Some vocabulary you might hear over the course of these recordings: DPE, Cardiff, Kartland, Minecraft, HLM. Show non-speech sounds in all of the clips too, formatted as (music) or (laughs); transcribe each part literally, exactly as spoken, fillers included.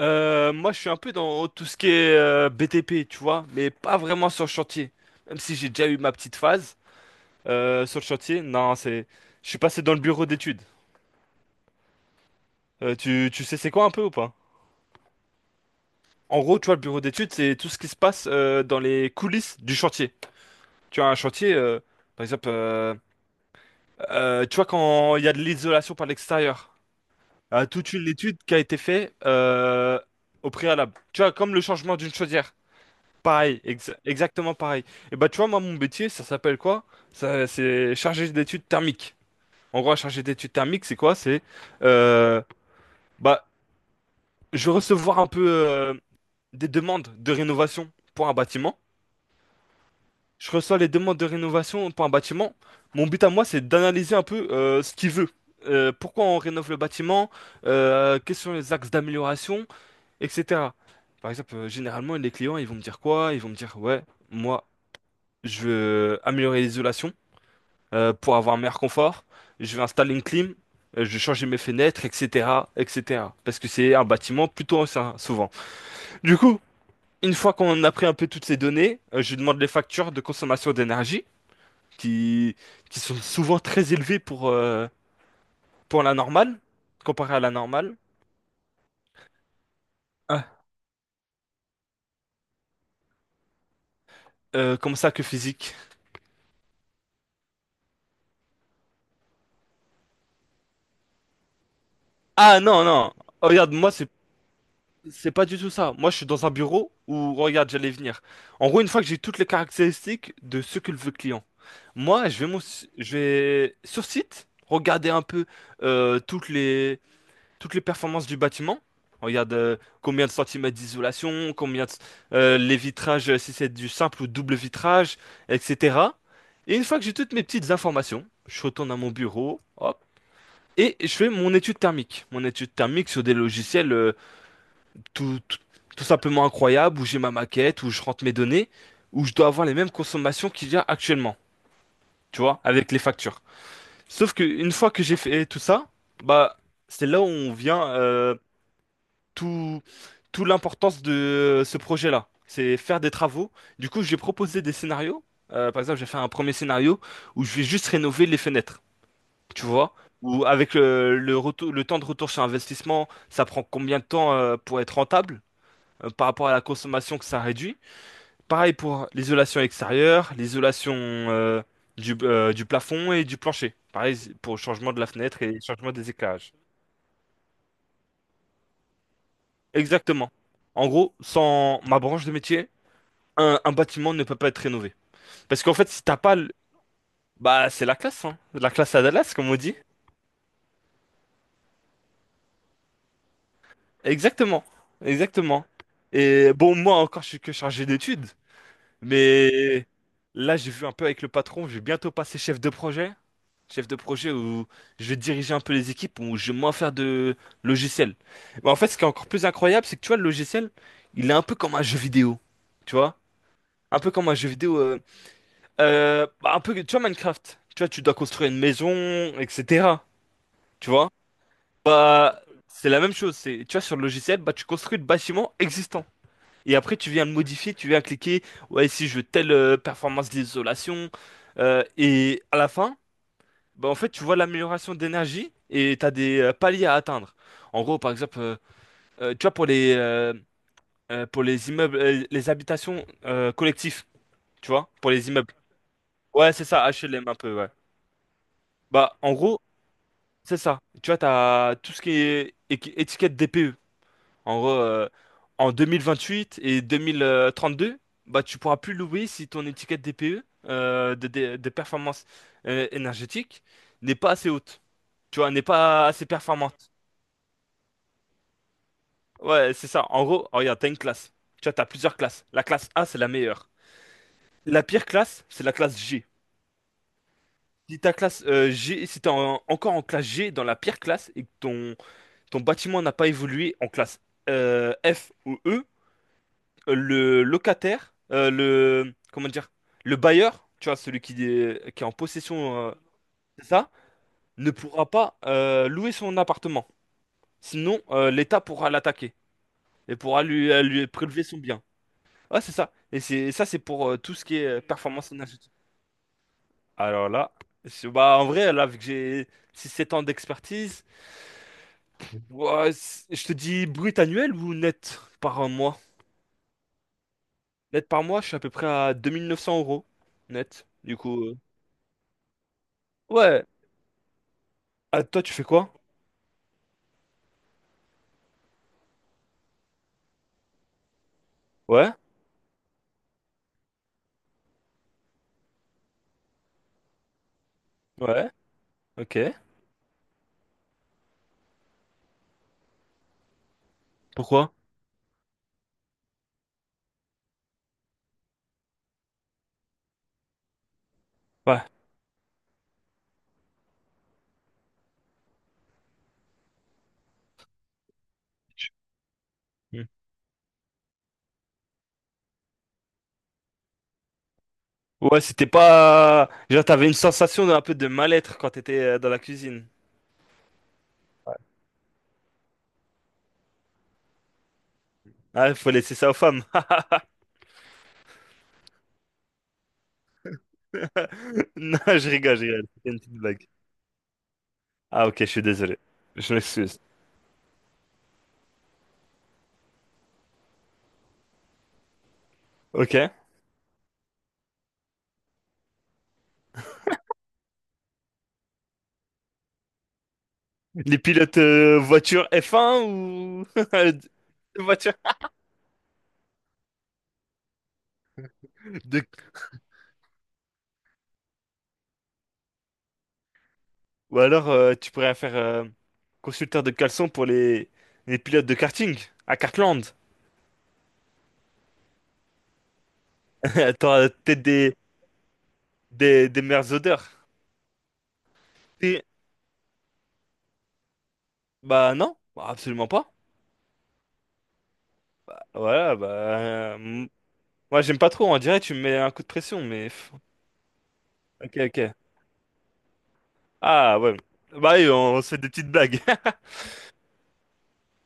Euh, moi, je suis un peu dans tout ce qui est euh, B T P, tu vois, mais pas vraiment sur le chantier. Même si j'ai déjà eu ma petite phase euh, sur le chantier, non, c'est, je suis passé dans le bureau d'études. Euh, tu, tu sais c'est quoi un peu ou pas? En gros, tu vois, le bureau d'études, c'est tout ce qui se passe euh, dans les coulisses du chantier. Tu as un chantier, euh, par exemple, euh, euh, tu vois quand il y a de l'isolation par l'extérieur. Euh, toute une étude qui a été faite euh, au préalable. Tu vois, comme le changement d'une chaudière. Pareil, exa- exactement pareil. Et bah tu vois, moi mon métier, ça s'appelle quoi? Ça, c'est chargé d'études thermiques. En gros, chargé d'études thermiques, c'est quoi? C'est euh, bah je vais recevoir un peu euh, des demandes de rénovation pour un bâtiment. Je reçois les demandes de rénovation pour un bâtiment. Mon but à moi, c'est d'analyser un peu euh, ce qu'il veut. Euh, pourquoi on rénove le bâtiment? Euh, quels sont les axes d'amélioration, et cetera. Par exemple, euh, généralement, les clients, ils vont me dire quoi? Ils vont me dire, ouais, moi, je veux améliorer l'isolation, euh, pour avoir un meilleur confort. Je vais installer une clim, euh, je vais changer mes fenêtres, et cetera, et cetera. Parce que c'est un bâtiment plutôt ancien, souvent. Du coup, une fois qu'on a pris un peu toutes ces données, euh, je demande les factures de consommation d'énergie, qui, qui sont souvent très élevées pour, euh, pour la normale, comparé à la normale. Ah, euh, comment ça que physique? Ah non, non. Oh, regarde, moi, c'est... C'est pas du tout ça. Moi, je suis dans un bureau où, regarde, j'allais venir. En gros, une fois que j'ai toutes les caractéristiques de ce que veut le client, moi, je vais, mon- je vais sur site regarder un peu euh, toutes les, toutes les performances du bâtiment. Regarde euh, combien de centimètres d'isolation, combien de- euh, les vitrages, euh, si c'est du simple ou double vitrage, et cetera. Et une fois que j'ai toutes mes petites informations, je retourne à mon bureau, hop, et je fais mon étude thermique. Mon étude thermique sur des logiciels, euh, tout, tout, tout simplement incroyable, où j'ai ma maquette, où je rentre mes données, où je dois avoir les mêmes consommations qu'il y a actuellement, tu vois, avec les factures. Sauf que une fois que j'ai fait tout ça, bah c'est là où on vient euh, tout, tout l'importance de ce projet-là. C'est faire des travaux. Du coup, j'ai proposé des scénarios. Euh, par exemple, j'ai fait un premier scénario où je vais juste rénover les fenêtres, tu vois. Ou avec euh, le, retour- le temps de retour sur investissement, ça prend combien de temps euh, pour être rentable, euh, par rapport à la consommation que ça réduit? Pareil pour l'isolation extérieure, l'isolation euh, du, euh, du plafond et du plancher. Pareil pour le changement de la fenêtre et le changement des éclairages. Exactement. En gros, sans ma branche de métier, un, un bâtiment ne peut pas être rénové. Parce qu'en fait, si t'as pas... le- Bah, c'est la classe, hein. La classe à Dallas, comme on dit. Exactement. Exactement. Et bon, moi encore, je suis que chargé d'études. Mais là, j'ai vu un peu avec le patron, je vais bientôt passer chef de projet. Chef de projet où je vais diriger un peu les équipes, où je vais moins faire de logiciel. Mais en fait, ce qui est encore plus incroyable, c'est que tu vois, le logiciel, il est un peu comme un jeu vidéo. Tu vois? Un peu comme un jeu vidéo, euh, euh, bah, un peu, tu vois, Minecraft. Tu vois, tu dois construire une maison, et cetera. Tu vois? Bah, c'est la même chose. C'est, tu vois, sur le logiciel, bah, tu construis le bâtiment existant. Et après, tu viens le modifier, tu viens cliquer, ouais, si je veux telle euh, performance d'isolation. Euh, et à la fin, bah, en fait, tu vois l'amélioration d'énergie et tu as des euh, paliers à atteindre. En gros, par exemple, euh, euh, tu vois, pour les, euh, euh, pour les immeubles, euh, les habitations euh, collectives, tu vois, pour les immeubles. Ouais, c'est ça, H L M un peu, ouais. Bah, en gros, c'est ça. Tu vois, tu as tout ce qui est équi- étiquette D P E. En gros, euh, en huit et deux mille trente-deux, bah, tu pourras plus louer si ton étiquette D P E euh, de, de, de performance euh, énergétique n'est pas assez haute. Tu vois, n'est pas assez performante. Ouais, c'est ça. En gros, oh, regarde, t'as une classe. Tu vois, t'as plusieurs classes. La classe A, c'est la meilleure. La pire classe, c'est la classe G. Si ta classe euh, G, si t'es en- encore en classe G dans la pire classe et que ton, ton bâtiment n'a pas évolué en classe euh, F ou E, euh, le locataire, euh, le, comment dire, le bailleur, tu vois, celui qui est, qui est en possession, euh, c'est ça, ne pourra pas euh, louer son appartement. Sinon, euh, l'État pourra l'attaquer et pourra lui, euh, lui prélever son bien. Ouais, c'est ça. Et c'est ça, c'est pour euh, tout ce qui est euh, performance énergétique. Alors là, c'est- bah, en vrai, là, vu que j'ai six sept ans d'expertise, ouais, c'est- je te dis brut annuel ou net par mois? Net par mois, je suis à peu près à deux mille neuf cents euros net. Du coup, euh, ouais. Ah, toi, tu fais quoi? Ouais, ouais, ok. Pourquoi? Ouais. Hmm. Ouais, c'était pas. Genre, t'avais une sensation d'un peu de mal-être quand t'étais euh, dans la cuisine. Ah, faut laisser ça aux femmes. (laughs) Non, je rigole, je rigole. C'était une petite blague. Ah ok, je suis désolé. Je m'excuse. Ok. Les pilotes euh, voiture F un ou (laughs) de voiture de... Ou alors euh, tu pourrais faire euh, consulteur de caleçon pour les... les pilotes de karting à Kartland. (laughs) T'auras peut-être des... Des... des meilleures odeurs. Et... bah non, bah, absolument pas. Voilà, bah... euh, m- Moi j'aime pas trop, on dirait que tu me mets un coup de pression, mais... pff. Ok, ok. Ah ouais. Bah oui, on se fait des petites blagues.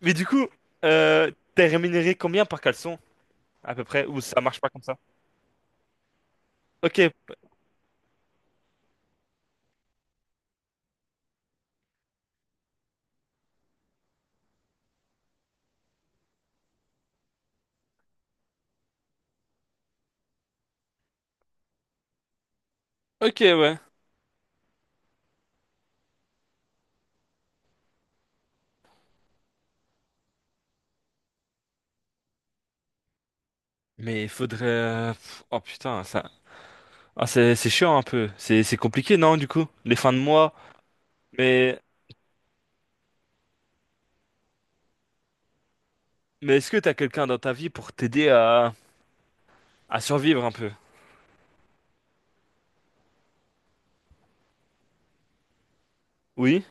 Mais du coup, euh, t'es rémunéré combien par caleçon, à peu près? Ou ça marche pas comme ça? Ok, ok, ouais. Mais il faudrait... euh, pff, oh putain, ça... Ah, c'est c'est chiant un peu. C'est c'est compliqué, non, du coup? Les fins de mois. Mais, mais est-ce que t'as quelqu'un dans ta vie pour t'aider à... à survivre un peu? Oui?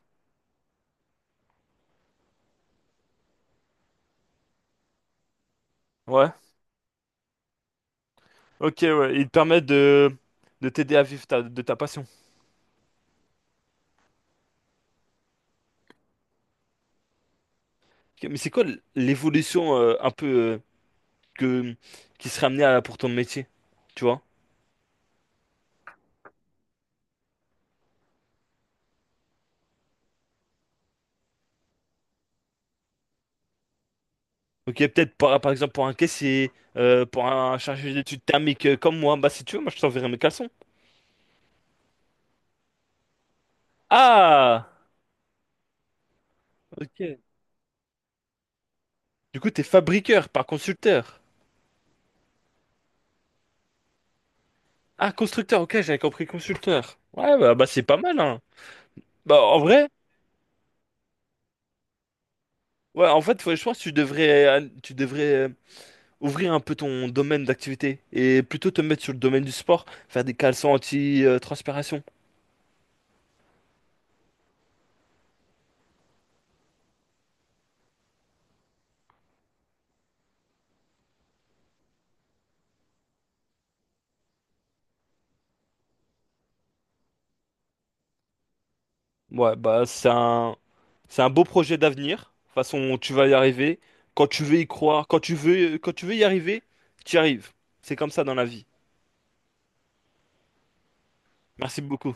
Ouais. Ok, ouais. Il te permet de, de t'aider à vivre ta- de ta passion. Ok, mais c'est quoi l'évolution euh, un peu euh, que... qui serait amenée à... pour ton métier? Tu vois? Ok, peut-être par, par exemple pour un caissier, euh, pour un chargé d'études thermiques euh, comme moi. Bah si tu veux, moi je t'enverrai mes caleçons. Ah! Ok. Du coup, t'es fabriqueur, pas consulteur. Ah, constructeur, ok, j'avais compris consulteur. Ouais, bah, bah, c'est pas mal, hein. Bah en vrai, ouais, en fait, ouais, je pense que tu devrais, euh, tu devrais euh, ouvrir un peu ton domaine d'activité et plutôt te mettre sur le domaine du sport, faire des caleçons anti-transpiration. Ouais, bah c'est un c'est un beau projet d'avenir. De toute façon, tu vas y arriver. Quand tu veux y croire, quand tu veux quand tu veux y arriver, tu y arrives. C'est comme ça dans la vie. Merci beaucoup.